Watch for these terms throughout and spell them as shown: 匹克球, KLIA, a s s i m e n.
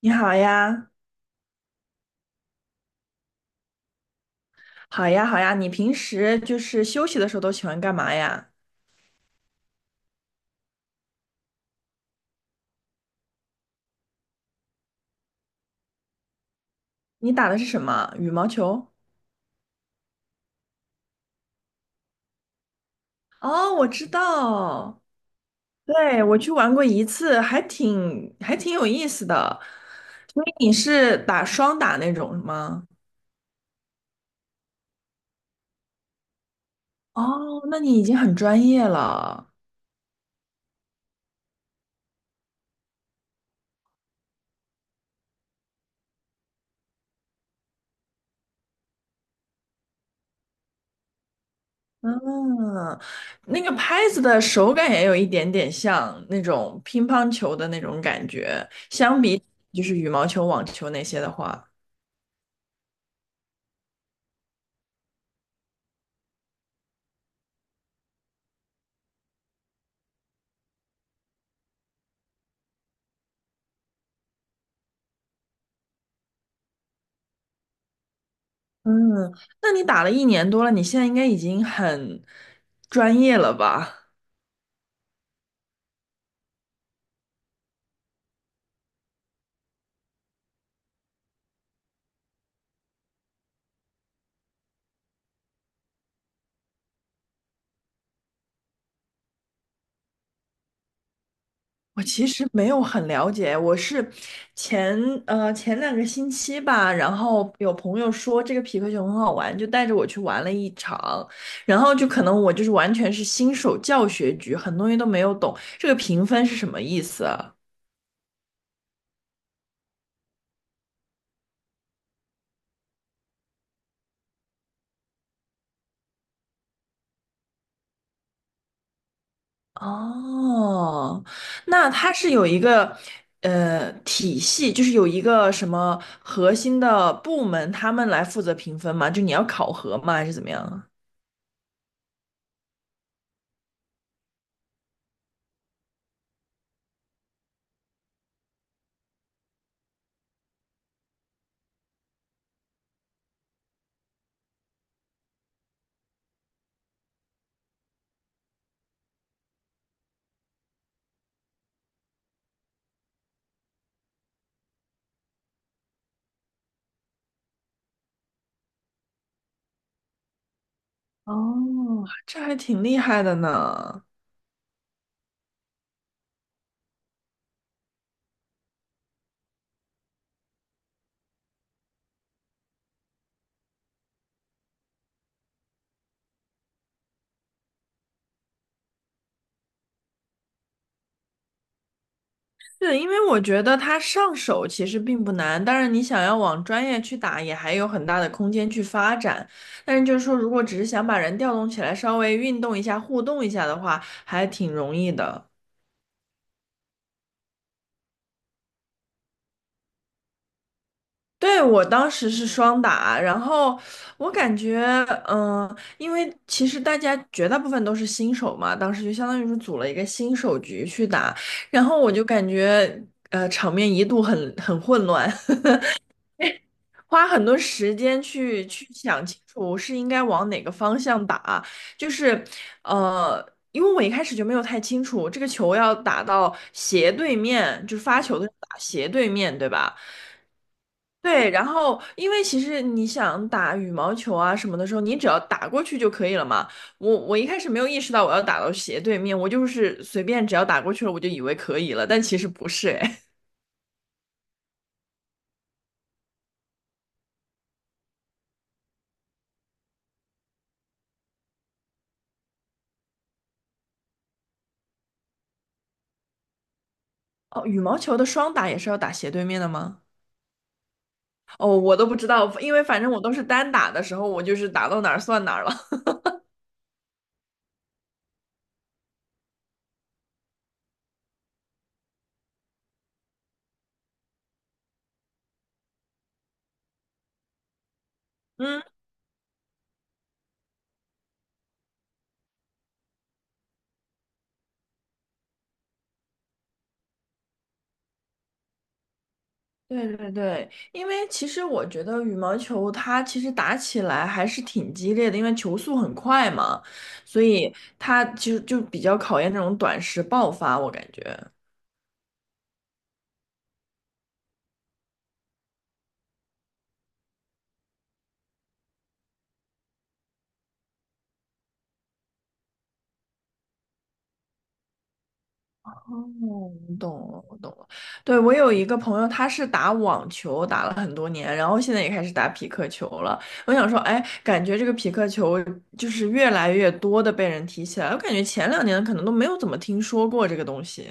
你好呀，好呀，好呀。你平时就是休息的时候都喜欢干嘛呀？你打的是什么？羽毛球？哦，我知道，对，我去玩过一次，还挺有意思的。所以你是打双打那种吗？哦，那你已经很专业了。嗯，那个拍子的手感也有一点点像那种乒乓球的那种感觉，相比就是羽毛球、网球那些的话。嗯，那你打了一年多了，你现在应该已经很专业了吧？我其实没有很了解，我是前前两个星期吧，然后有朋友说这个匹克球很好玩，就带着我去玩了一场，然后就可能我就是完全是新手教学局，很多东西都没有懂，这个评分是什么意思啊？哦，那它是有一个体系，就是有一个什么核心的部门，他们来负责评分吗？就你要考核吗？还是怎么样啊？哦，这还挺厉害的呢。是，因为我觉得它上手其实并不难，当然你想要往专业去打，也还有很大的空间去发展。但是就是说，如果只是想把人调动起来，稍微运动一下、互动一下的话，还挺容易的。对，我当时是双打，然后我感觉，嗯、因为其实大家绝大部分都是新手嘛，当时就相当于是组了一个新手局去打，然后我就感觉，场面一度很混乱，花很多时间去想清楚是应该往哪个方向打，就是，呃，因为我一开始就没有太清楚这个球要打到斜对面，就是发球的时候打斜对面，对吧？对，然后因为其实你想打羽毛球啊什么的时候，你只要打过去就可以了嘛。我一开始没有意识到我要打到斜对面，我就是随便只要打过去了，我就以为可以了，但其实不是哎。哦，羽毛球的双打也是要打斜对面的吗？哦，我都不知道，因为反正我都是单打的时候，我就是打到哪儿算哪儿了。嗯。对对对，因为其实我觉得羽毛球它其实打起来还是挺激烈的，因为球速很快嘛，所以它其实就比较考验这种短时爆发，我感觉。哦，我懂了，我懂了。对，我有一个朋友，他是打网球打了很多年，然后现在也开始打匹克球了。我想说，哎，感觉这个匹克球就是越来越多的被人提起来，我感觉前两年可能都没有怎么听说过这个东西。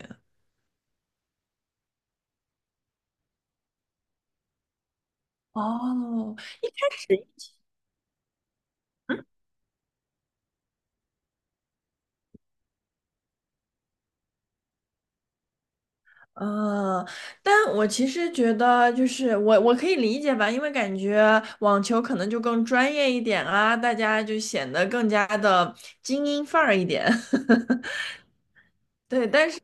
哦，一开始。呃，但我其实觉得，就是我可以理解吧，因为感觉网球可能就更专业一点啊，大家就显得更加的精英范儿一点。对，但是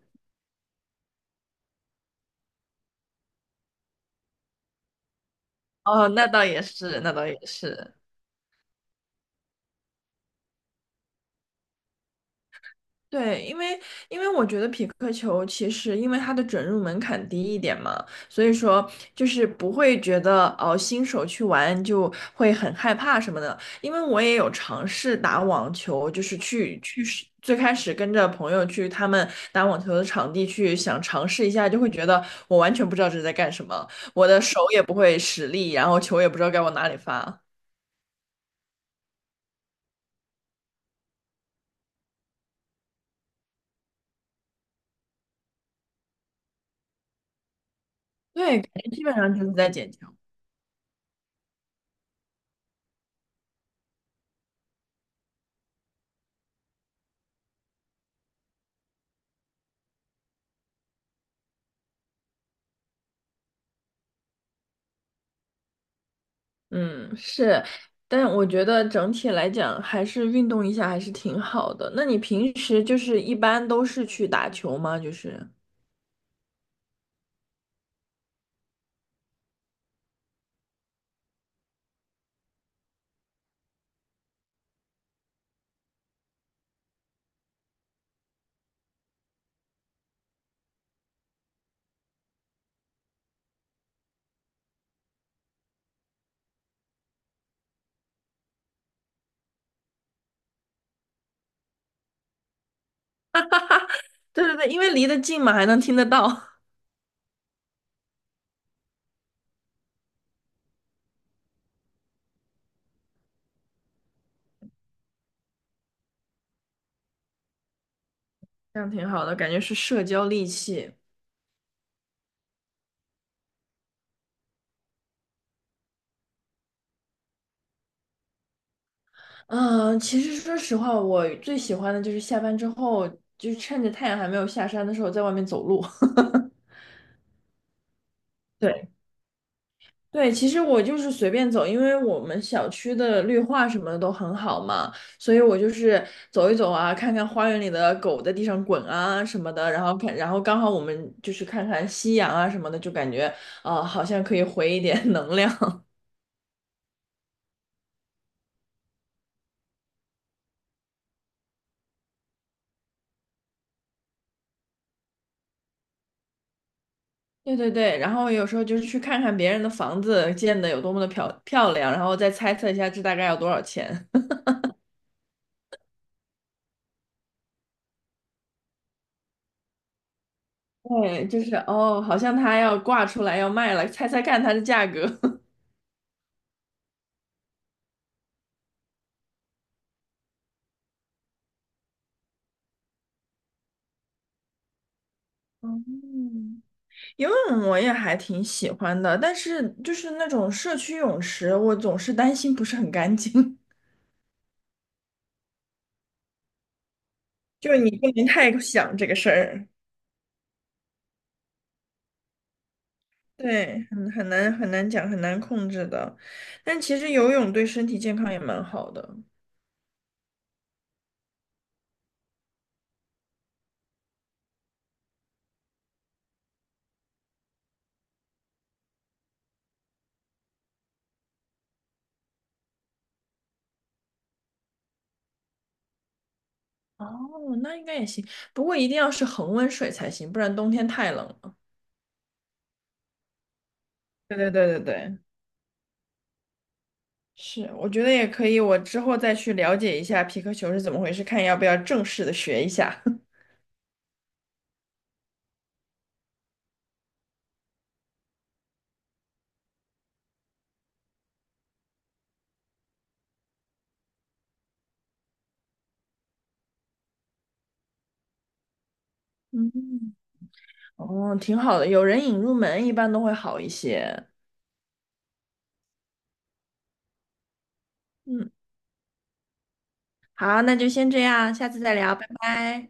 哦，那倒也是，那倒也是。对，因为我觉得匹克球其实因为它的准入门槛低一点嘛，所以说就是不会觉得哦新手去玩就会很害怕什么的。因为我也有尝试打网球，就是去试最开始跟着朋友去他们打网球的场地去想尝试一下，就会觉得我完全不知道这是在干什么，我的手也不会使力，然后球也不知道该往哪里发。对，感觉基本上就是在捡球。嗯，是，但我觉得整体来讲，还是运动一下还是挺好的。那你平时就是一般都是去打球吗？就是，对对对，因为离得近嘛，还能听得到，这样挺好的，感觉是社交利器。嗯，其实说实话，我最喜欢的就是下班之后，就趁着太阳还没有下山的时候，在外面走路。对。对，其实我就是随便走，因为我们小区的绿化什么的都很好嘛，所以我就是走一走啊，看看花园里的狗在地上滚啊什么的，然后看，然后刚好我们就是看看夕阳啊什么的，就感觉啊、好像可以回一点 能量。对对对，然后有时候就是去看看别人的房子建的有多么的漂亮，然后再猜测一下这大概要多少钱。对，就是哦，好像它要挂出来要卖了，猜猜看它的价格。嗯，游泳我也还挺喜欢的，但是就是那种社区泳池，我总是担心不是很干净，就是你不能太想这个事儿，对，很难很难讲，很难控制的。但其实游泳对身体健康也蛮好的。哦，那应该也行，不过一定要是恒温水才行，不然冬天太冷了。对对对对对，是，我觉得也可以，我之后再去了解一下皮克球是怎么回事，看要不要正式的学一下。嗯。哦，挺好的，有人引入门一般都会好一些。嗯，好，那就先这样，下次再聊，拜拜。